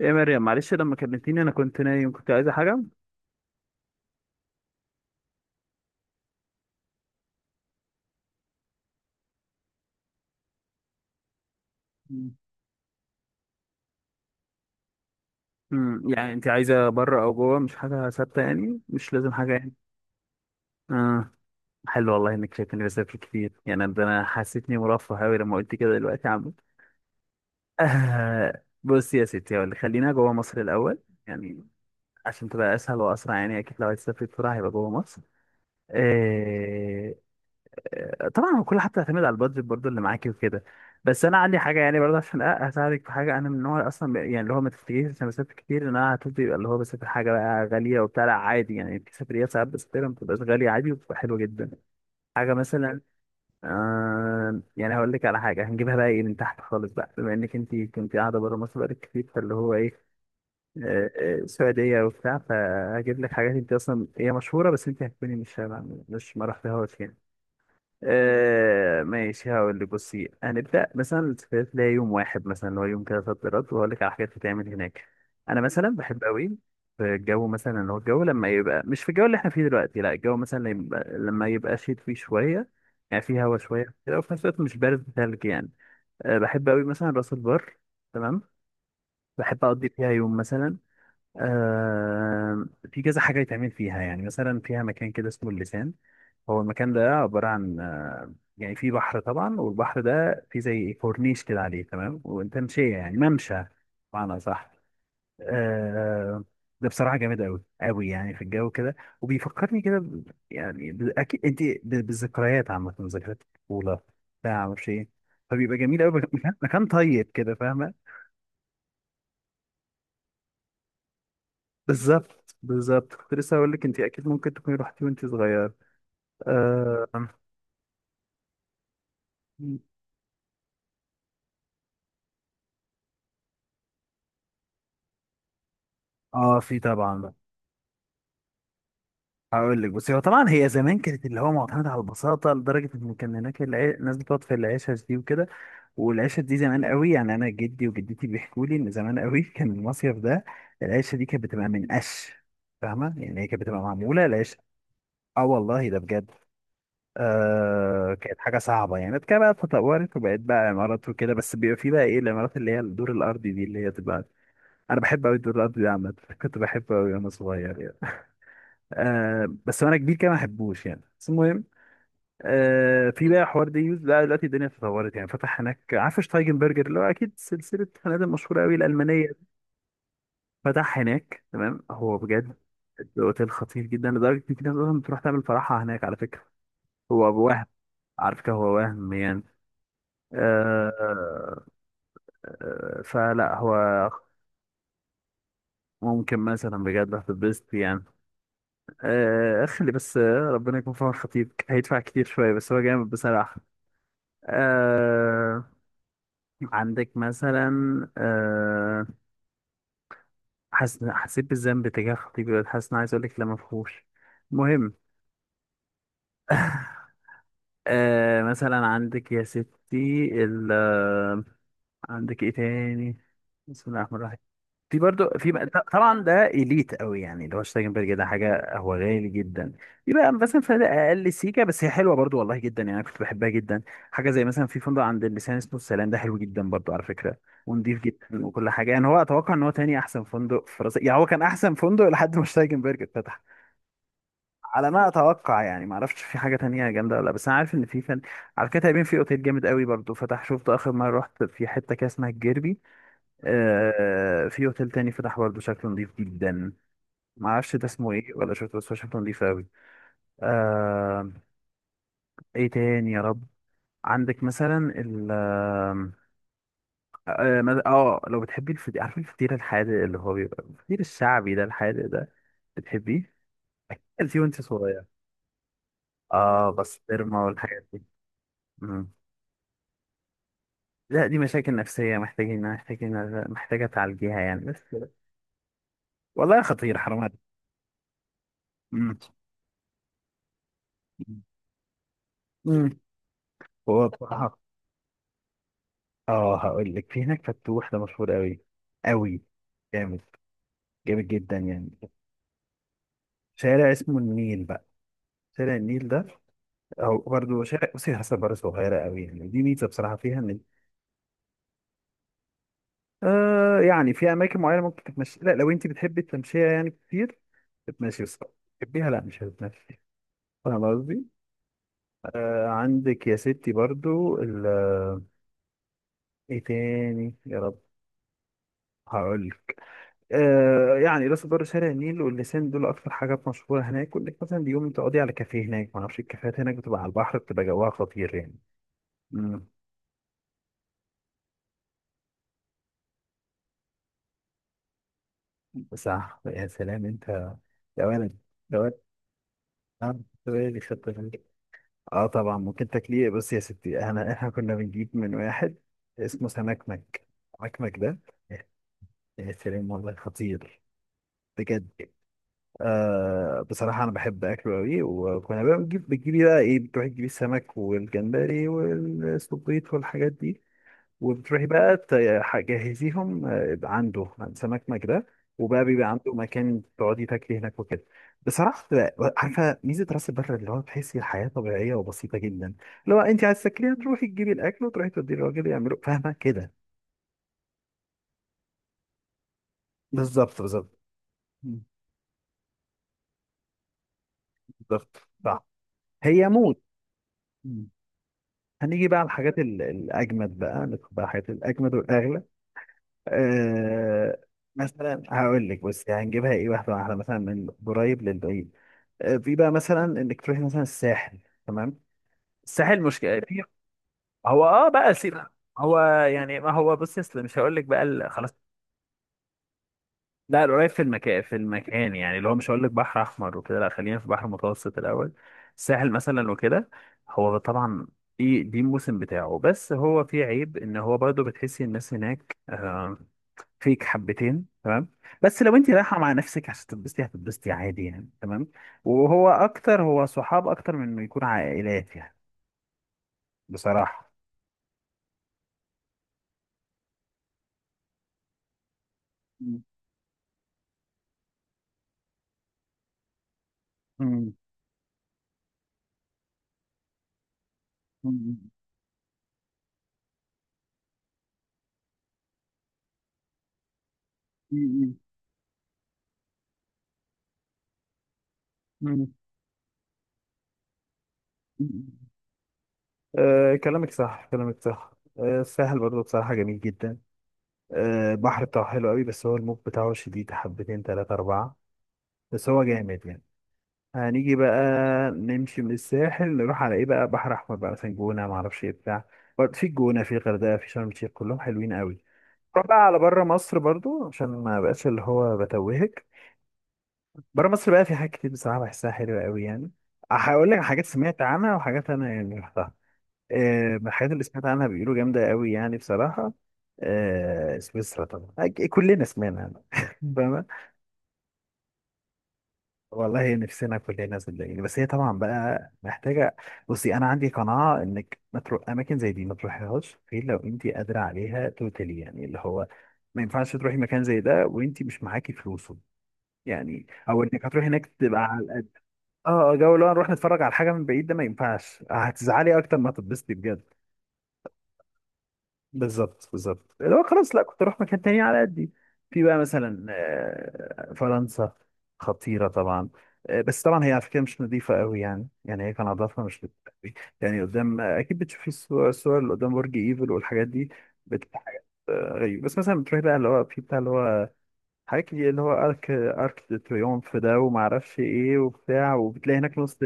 ايه يا مريم، معلش لما كلمتيني انا كنت نايم. كنت عايزه حاجه؟ مم. يعني انت عايزه بره او جوه؟ مش حاجه ثابته يعني، مش لازم حاجه يعني. اه، حلو والله انك شايفني بسافر كتير. يعني ده انا حسيتني مرفه قوي لما قلت كده دلوقتي يا عم. آه، بص يا ستي هقول لك، خلينا جوه مصر الاول يعني، عشان تبقى اسهل واسرع. يعني اكيد لو عايز تسافر بسرعه هيبقى جوه مصر. آه. طبعا هو كل حاجه بتعتمد على البادجت برضو اللي معاكي وكده. بس انا عندي حاجه يعني برضه عشان اساعدك في حاجه. انا من النوع اصلا يعني اللي هو ما تفتكريش عشان بسافر كتير ان انا هتبقى يبقى اللي هو بسافر حاجه بقى غاليه وبتاع، لا عادي. يعني في سفريات ساعات بسافرها ما بتبقاش غاليه عادي وبتبقى حلوه جدا. حاجه مثلا. آه يعني هقول لك على حاجه هنجيبها بقى ايه من تحت خالص بقى، بما انك انت كنت قاعده بره مصر بقالك كتير فاللي هو ايه. آه، سعوديه وبتاع، فهجيب لك حاجات انت اصلا هي مشهوره بس انت هتكوني مش ما رحتهاش يعني. آه ماشي، هقول لك. بصي، هنبدأ مثلا السفريات ليها يوم واحد، مثلا اللي هو يوم كده صد رد، وهقول لك على حاجات بتتعمل هناك. أنا مثلا بحب أوي في الجو، مثلا اللي هو الجو لما يبقى مش في الجو اللي احنا فيه دلوقتي، لا الجو مثلا لما يبقى، لما يبقى شيت فيه شوية، يعني فيه هوا شوية كده وفي نفس الوقت مش بارد تلج يعني. آه بحب أوي مثلا راس البر. تمام. بحب أقضي فيها يوم مثلا. آه. في كذا حاجة يتعمل فيها، يعني مثلا فيها مكان كده اسمه اللسان. هو المكان ده عبارة عن يعني في بحر طبعا، والبحر ده فيه زي كورنيش كده عليه تمام، وتمشية يعني ممشى بمعنى صح. آه. ده بصراحة جامد أوي أوي، يعني في الجو كده وبيفكرني كده أكيد أنت بالذكريات، عامة ذكريات الطفولة بتاع معرفش إيه. فبيبقى جميل أوي، مكان طيب كده، فاهمة؟ بالظبط بالظبط، كنت لسه هقول لك أنت أكيد ممكن تكوني رحتي وأنت صغير. آه. آه في طبعا. هقول لك. بس هو طبعا هي زمان كانت اللي هو معتمده على البساطه، لدرجه ان كان هناك الناس بتقعد في العشش دي وكده. والعشش دي زمان قوي، يعني انا جدي وجدتي بيحكوا لي ان زمان قوي كان المصيف ده العشه دي كانت بتبقى من قش، فاهمه؟ يعني هي كانت بتبقى معموله العش. اه والله ده بجد. آه كانت حاجه صعبه يعني. بعد كده بقى تطورت وبقت بقى عمارات وكده. بس بيبقى في بقى ايه، العمارات اللي هي الدور الارضي دي اللي هي تبقى، انا بحب قوي الدور الارضي ده عامه. كنت بحبه قوي وانا صغير يعني. آه بس وانا كبير كده ما احبوش يعني، بس المهم في بقى حوار ديوز. لا دلوقتي الدنيا اتطورت يعني. فتح هناك، عارف شتايجنبرجر اللي هو اكيد سلسله فنادق مشهوره قوي الالمانيه، فتح هناك. تمام، هو بجد الاوتيل خطير جدا، لدرجه ان في ناس اصلا بتروح تعمل فرحها هناك على فكره. هو أبو وهم، على فكره هو وهم يعني. آه. آه فلا هو ممكن مثلا بجد هتتبسط يعني. آه خلي بس، ربنا يكون في عون خطيبك هيدفع كتير شويه، بس هو جامد بصراحه. آه عندك مثلا آه، حسيت بالذنب تجاه خطيبي دلوقتي، حاسس إن أنا عايز أقول لك لا مفهوش. المهم، مثلا عندك يا ستي ال... آه، عندك إيه تاني؟ بسم الله الرحمن الرحيم. في برضو طبعا ده اليت قوي يعني، اللي هو شتايجنبرج ده حاجه هو غالي جدا. في بقى مثلا فنادق اقل سيكه، بس هي حلوه برضو والله جدا يعني. انا كنت بحبها جدا. حاجه زي مثلا في فندق عند اللسان اسمه السلام، ده حلو جدا برضو على فكره، ونضيف جدا وكل حاجه يعني. هو اتوقع ان هو تاني احسن فندق في راس، يعني هو كان احسن فندق لحد ما شتايجنبرج اتفتح، على ما اتوقع يعني. ما اعرفش في حاجه تانية جامده ولا لا، بس انا عارف ان في فن. على كده تقريبا في اوتيل جامد قوي برضو فتح، شفته اخر مره رحت في حته كده اسمها الجيربي. آه في اوتيل تاني فتح برضه شكله نضيف جدا. ما اعرفش ده اسمه ايه ولا شفته، بس هو شكله نضيف قوي. آه. ايه تاني يا رب؟ عندك مثلا ال اه آه، مد- آه، لو بتحبي الفطير، عارفه الفطير الحادق اللي هو بيبقى الفطير الشعبي ده الحادق ده، بتحبيه؟ اكيد أكلتيه وانت صغير. اه بسطرمه والحاجات دي. مم. لا دي مشاكل نفسية، محتاجين محتاجين محتاجة تعالجيها يعني بس. والله خطير، حرام عليك. مم. مم. هو بصراحة، اه هقول لك، في هناك فتوح ده مشهور قوي قوي، جامد، جامد جدا يعني. شارع اسمه النيل بقى، شارع النيل ده، او برضه شارع، بصي حسب بره صغيره قوي يعني، دي ميزه بصراحه فيها ان، آه يعني في اماكن معينه ممكن تتمشي، لا لو انت بتحبي التمشيه يعني كتير تتمشي بس، تحبيها لا مش هتتمشي، فاهم قصدي؟ آه عندك يا ستي برضه ايه تاني يا رب؟ هقول آه يعني راس البر شارع النيل واللسان دول اكتر حاجات مشهوره هناك، وانك مثلا اليوم تقضي على كافيه هناك. ما اعرفش، الكافيهات هناك بتبقى على البحر، بتبقى جواها خطير يعني. امم صح، يا سلام انت، يا ولد، يا ولد. اه طب إيه اللي خدت بالك؟ طبعا ممكن تاكليه. بص يا ستي، انا احنا كنا بنجيب من واحد اسمه سمكمك، سمكمك ده، يا سلام والله خطير، بجد. آه بصراحة أنا بحب أكله أوي، وكنا بقى بنجيب بتجيبي بقى إيه، بتروحي تجيبي السمك والجمبري والسبيط والحاجات دي، وبتروحي بقى تجهزيهم عنده، عند سمك مجده، وبقى بيبقى عنده مكان تقعدي تاكلي هناك وكده. بصراحة بتبقى، عارفة ميزة راس البر اللي هو تحسي الحياة طبيعية وبسيطة جدا. لو أنت عايز تاكليها تروحي تجيبي الأكل، وتروحي توديه للراجل يعمله، فاهمة كده؟ بالظبط بالظبط. بالظبط. صح. هي موت. هنيجي بقى على الحاجات الأجمد بقى، ندخل بقى الحاجات الأجمد والأغلى. أه مثلا هقول لك بس هنجيبها إيه واحدة واحدة، مثلا من قريب للبعيد. أه في بقى مثلا إنك تروحي مثلا الساحل. تمام. الساحل مشكلة في، هو اه بقى سيب، هو يعني ما هو بص يا أصل، مش هقول لك بقى خلاص. لا القريب في المكان، في المكان يعني اللي هو مش هقول لك بحر احمر وكده، لا خلينا في بحر متوسط الاول. الساحل مثلا وكده، هو طبعا دي دي الموسم بتاعه، بس هو فيه عيب ان هو برضه بتحسي الناس هناك، فيك حبتين، تمام. بس لو انت رايحه مع نفسك عشان تتبسطي هتتبسطي عادي يعني، تمام. وهو اكتر هو صحاب اكتر من انه يكون عائلات يعني، بصراحه. مم. مم. مم. مم. مم. مم. أه كلامك صح، كلامك صح. أه الساحل برضه بصراحة جميل جدا. أه البحر بتاعه حلو قوي، بس هو الموج بتاعه شديد حبتين تلاتة أربعة، بس هو جامد يعني. هنيجي بقى، نمشي من الساحل نروح على إيه بقى، بحر أحمر بقى مثلا، جونة معرفش إيه بتاع. برضه في الجونة في الغردقة في شرم الشيخ، كلهم حلوين قوي. نروح بقى على بره مصر برضه عشان ما بقاش اللي هو بتوهك. بره مصر بقى، في حاجات كتير بصراحة بحسها حلوة قوي يعني. هقول لك حاجات سمعت عنها وحاجات أنا يعني رحتها. من الحاجات اللي سمعت عنها بيقولوا جامدة قوي يعني بصراحة سويسرا طبعا، كلنا سمعنا عنها. فاهمة؟ والله نفسنا كلنا صدقيني، بس هي طبعا بقى محتاجة، بصي أنا عندي قناعة إنك ما تروح أماكن زي دي، ما تروحيهاش غير لو أنت قادرة عليها توتالي، يعني اللي هو ما ينفعش تروحي مكان زي ده وأنت مش معاكي فلوسه، يعني أو إنك هتروحي هناك تبقى على قد. آه جو اللي هو نروح نتفرج على حاجة من بعيد ده ما ينفعش، هتزعلي أكتر ما هتتبسطي بجد. بالظبط بالظبط، اللي هو خلاص لا كنت اروح مكان تاني على قدي. في بقى مثلا فرنسا، خطيره طبعا. بس طبعا هي على فكره مش نظيفه قوي يعني، يعني هي كان نظافه مش نظيفة قوي يعني. قدام، اكيد بتشوفي الصور، الصور اللي قدام برج ايفل والحاجات دي بتبقى حاجات غريبه. بس مثلا بتروحي بقى اللي هو في بتاع اللي هو حاجات كتير اللي هو ارك دي تريومف ده وما اعرفش ايه وبتاع، وبتلاقي هناك نص.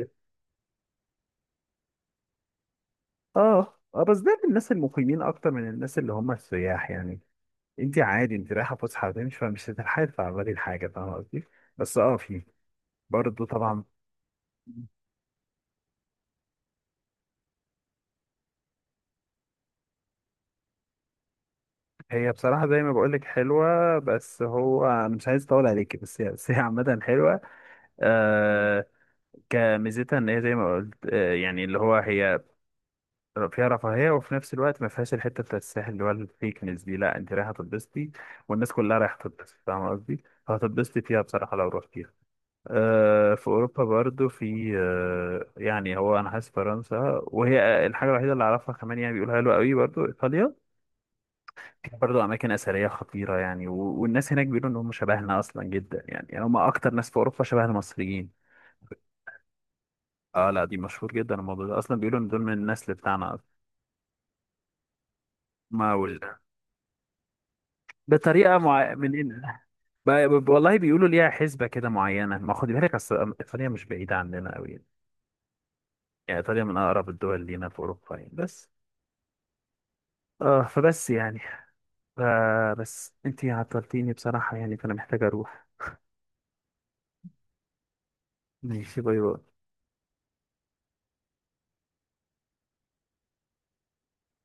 اه اه بس ده للناس المقيمين اكتر من الناس اللي هم السياح يعني. انت عادي، انت رايحه فسحه هتمشي، فمش هتلحقي تتعرضي لحاجه، فاهمه قصدي؟ بس اه في برضه طبعا. هي بصراحه زي ما بقول لك حلوه، بس هو انا مش عايز اطول عليكي، بس هي، بس هي عامه حلوه. آه كميزتها ان هي زي ما قلت آه يعني اللي هو هي فيها رفاهيه، وفي نفس الوقت ما فيهاش الحته بتاعت الساحل اللي هو الفيكنس دي. لا انت رايحه تتبسطي والناس كلها رايحه تتبسط، فاهمه قصدي؟ فهتتبسطي فيها بصراحه لو روحتيها. في اوروبا برضو في، يعني هو انا حاسس فرنسا وهي الحاجه الوحيده اللي اعرفها، كمان يعني بيقولوا حلوه قوي برضو ايطاليا، فيها برضو اماكن اثريه خطيره يعني، والناس هناك بيقولوا ان هم شبهنا اصلا جدا يعني، يعني هم اكتر ناس في اوروبا شبه المصريين. اه لا دي مشهور جدا الموضوع ده اصلا، بيقولوا ان دول من النسل بتاعنا اصلا. ما وال... بطريقه مع... من إن- ب... ب... والله بيقولوا ليها حسبه كده معينه، ما خد بالك، اصل ايطاليا مش بعيده عننا قوي يعني، يعني ايطاليا من اقرب الدول لينا في اوروبا يعني. بس اه فبس يعني آه. بس انتي عطلتيني بصراحة يعني، فانا محتاج اروح. ماشي، باي باي.